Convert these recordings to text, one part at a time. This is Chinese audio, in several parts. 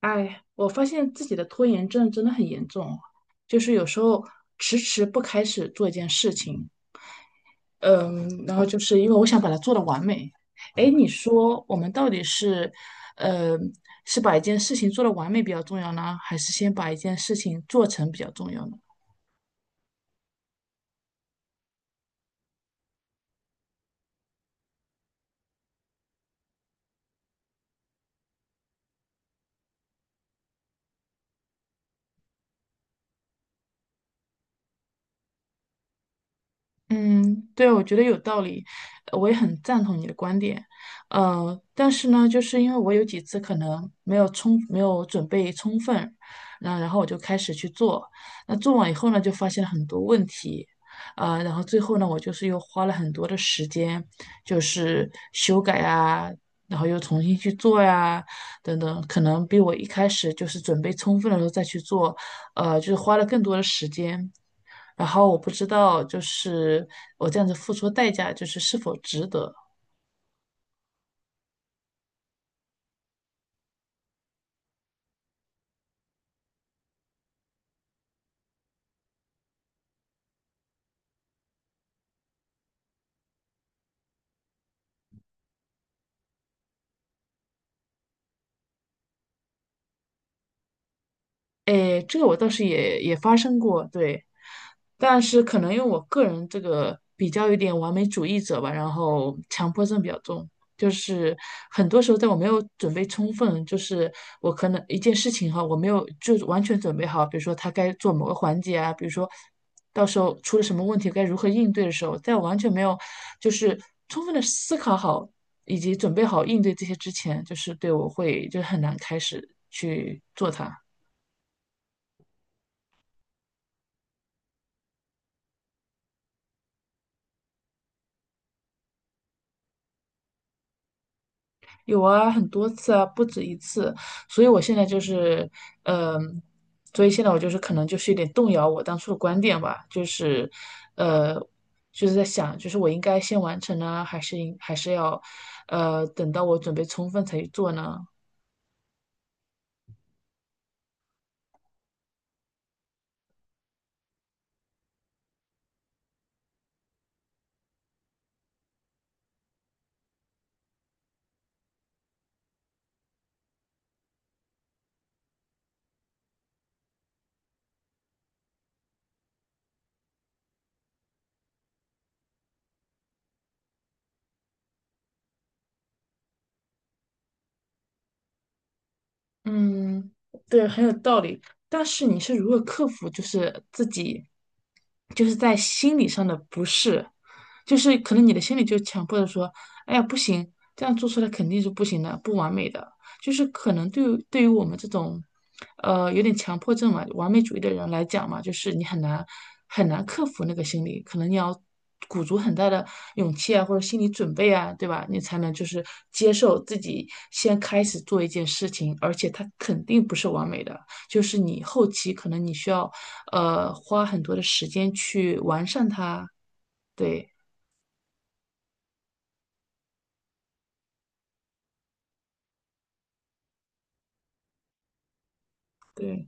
哎，我发现自己的拖延症真的很严重哦，就是有时候迟迟不开始做一件事情，嗯，然后就是因为我想把它做的完美。哎，你说我们到底是，呃，是把一件事情做的完美比较重要呢，还是先把一件事情做成比较重要呢？嗯，对，我觉得有道理，我也很赞同你的观点。但是呢，就是因为我有几次可能没有准备充分，那然后我就开始去做，那做完以后呢，就发现了很多问题，然后最后呢，我就是又花了很多的时间，就是修改啊，然后又重新去做呀，等等，可能比我一开始就是准备充分的时候再去做。就是花了更多的时间。然后我不知道，就是我这样子付出的代价，就是是否值得。诶，这个我倒是也发生过，对，但是可能因为我个人这个比较有点完美主义者吧，然后强迫症比较重，就是很多时候在我没有准备充分，就是我可能一件事情哈，我没有就是完全准备好，比如说他该做某个环节啊，比如说到时候出了什么问题该如何应对的时候，在我完全没有就是充分的思考好以及准备好应对这些之前，就是对我会就是很难开始去做它。有啊，很多次啊，不止一次，所以我现在就是，嗯、所以现在我就是可能就是有点动摇我当初的观点吧，就是，呃，就是在想，就是我应该先完成呢，还是要，等到我准备充分才去做呢？嗯，对，很有道理。但是你是如何克服，就是自己，就是在心理上的不适，就是可能你的心里就强迫着说，哎呀，不行，这样做出来肯定是不行的，不完美的。就是可能对于我们这种，有点强迫症嘛，完美主义的人来讲嘛，就是你很难很难克服那个心理，可能你要鼓足很大的勇气啊，或者心理准备啊，对吧？你才能就是接受自己先开始做一件事情，而且它肯定不是完美的，就是你后期可能你需要，花很多的时间去完善它。对对。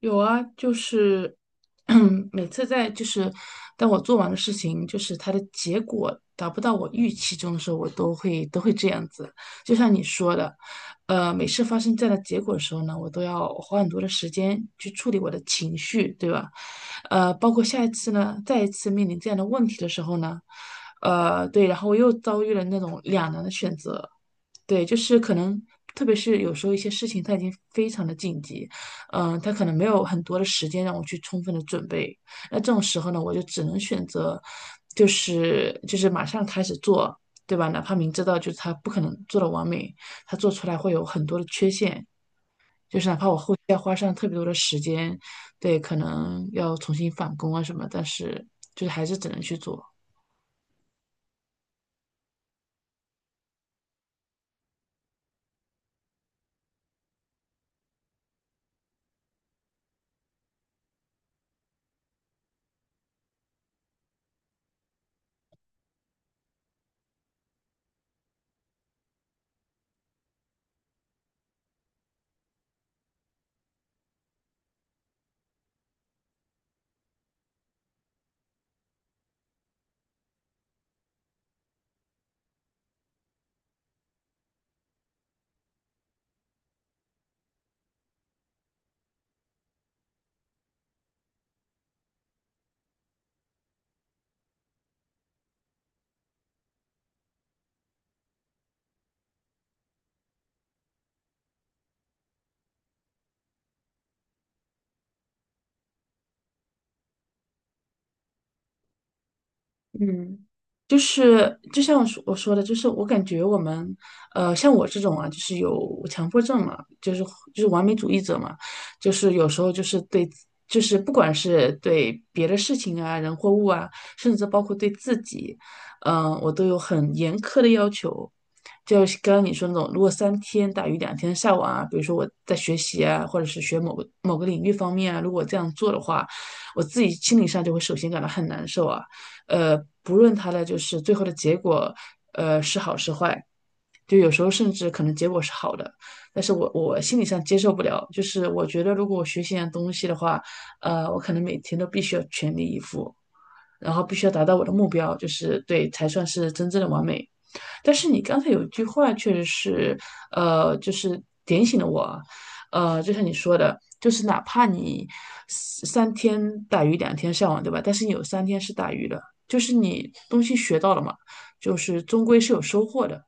有啊，就是 每次在就是当我做完的事情，就是它的结果达不到我预期中的时候，我都会这样子。就像你说的，每次发生这样的结果的时候呢，我都要花很多的时间去处理我的情绪，对吧？包括下一次呢，再一次面临这样的问题的时候呢，对，然后我又遭遇了那种两难的选择，对，就是可能，特别是有时候一些事情它已经非常的紧急，它可能没有很多的时间让我去充分的准备。那这种时候呢，我就只能选择，就是马上开始做，对吧？哪怕明知道就是他不可能做的完美，他做出来会有很多的缺陷，就是哪怕我后期要花上特别多的时间，对，可能要重新返工啊什么，但是就是还是只能去做。嗯，就是就像我说的，就是我感觉我们，像我这种啊，就是有强迫症嘛，就是完美主义者嘛，就是有时候就是对，就是不管是对别的事情啊、人或物啊，甚至包括对自己，我都有很严苛的要求。就是刚刚你说那种，如果三天打鱼两天晒网啊，比如说我在学习啊，或者是学某个领域方面啊，如果这样做的话，我自己心理上就会首先感到很难受啊。呃，不论它的就是最后的结果，是好是坏，就有时候甚至可能结果是好的，但是我心理上接受不了，就是我觉得如果我学习一样东西的话，我可能每天都必须要全力以赴，然后必须要达到我的目标，就是对才算是真正的完美。但是你刚才有一句话确实是，就是点醒了我啊就像你说的，就是哪怕你三天打鱼两天晒网，对吧？但是你有三天是打鱼的，就是你东西学到了嘛，就是终归是有收获的。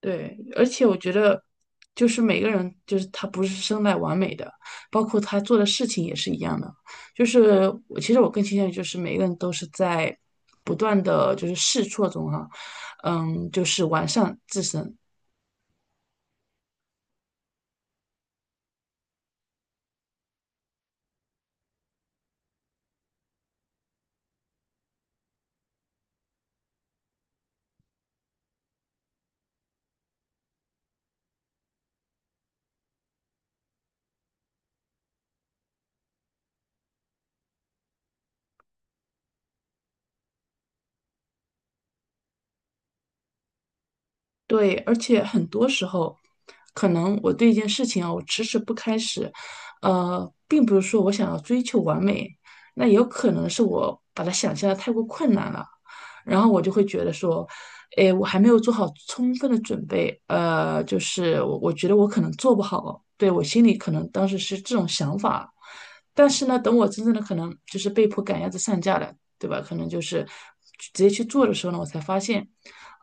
对，而且我觉得，就是每个人，就是他不是生来完美的，包括他做的事情也是一样的。就是我其实更倾向于，就是每个人都是在不断的就是试错中哈、就是完善自身。对，而且很多时候，可能我对一件事情啊，我迟迟不开始，并不是说我想要追求完美，那也有可能是我把它想象的太过困难了，然后我就会觉得说，哎，我还没有做好充分的准备，就是我觉得我可能做不好，对，我心里可能当时是这种想法，但是呢，等我真正的可能就是被迫赶鸭子上架了，对吧？可能就是直接去做的时候呢，我才发现。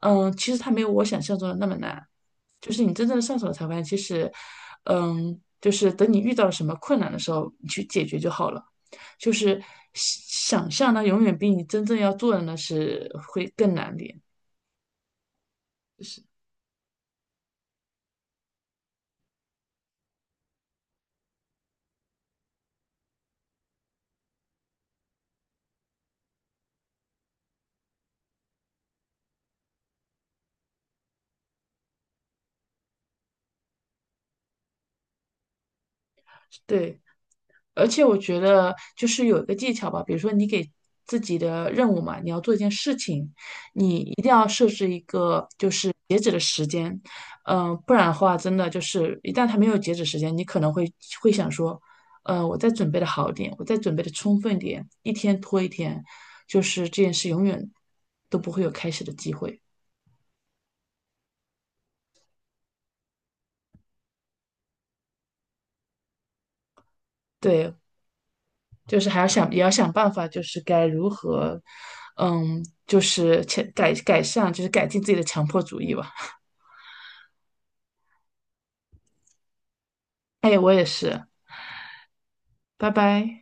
其实它没有我想象中的那么难，就是你真正的上手了才发现，其实，就是等你遇到了什么困难的时候，你去解决就好了。就是想象呢，永远比你真正要做的呢是会更难点。就是对，而且我觉得就是有一个技巧吧，比如说你给自己的任务嘛，你要做一件事情，你一定要设置一个就是截止的时间，不然的话，真的就是一旦它没有截止时间，你可能会想说，我再准备的好一点，我再准备的充分一点，一天拖一天，就是这件事永远都不会有开始的机会。对，就是还要想，也要想办法，就是该如何，就是改善，就是改进自己的强迫主义吧。哎，我也是，拜拜。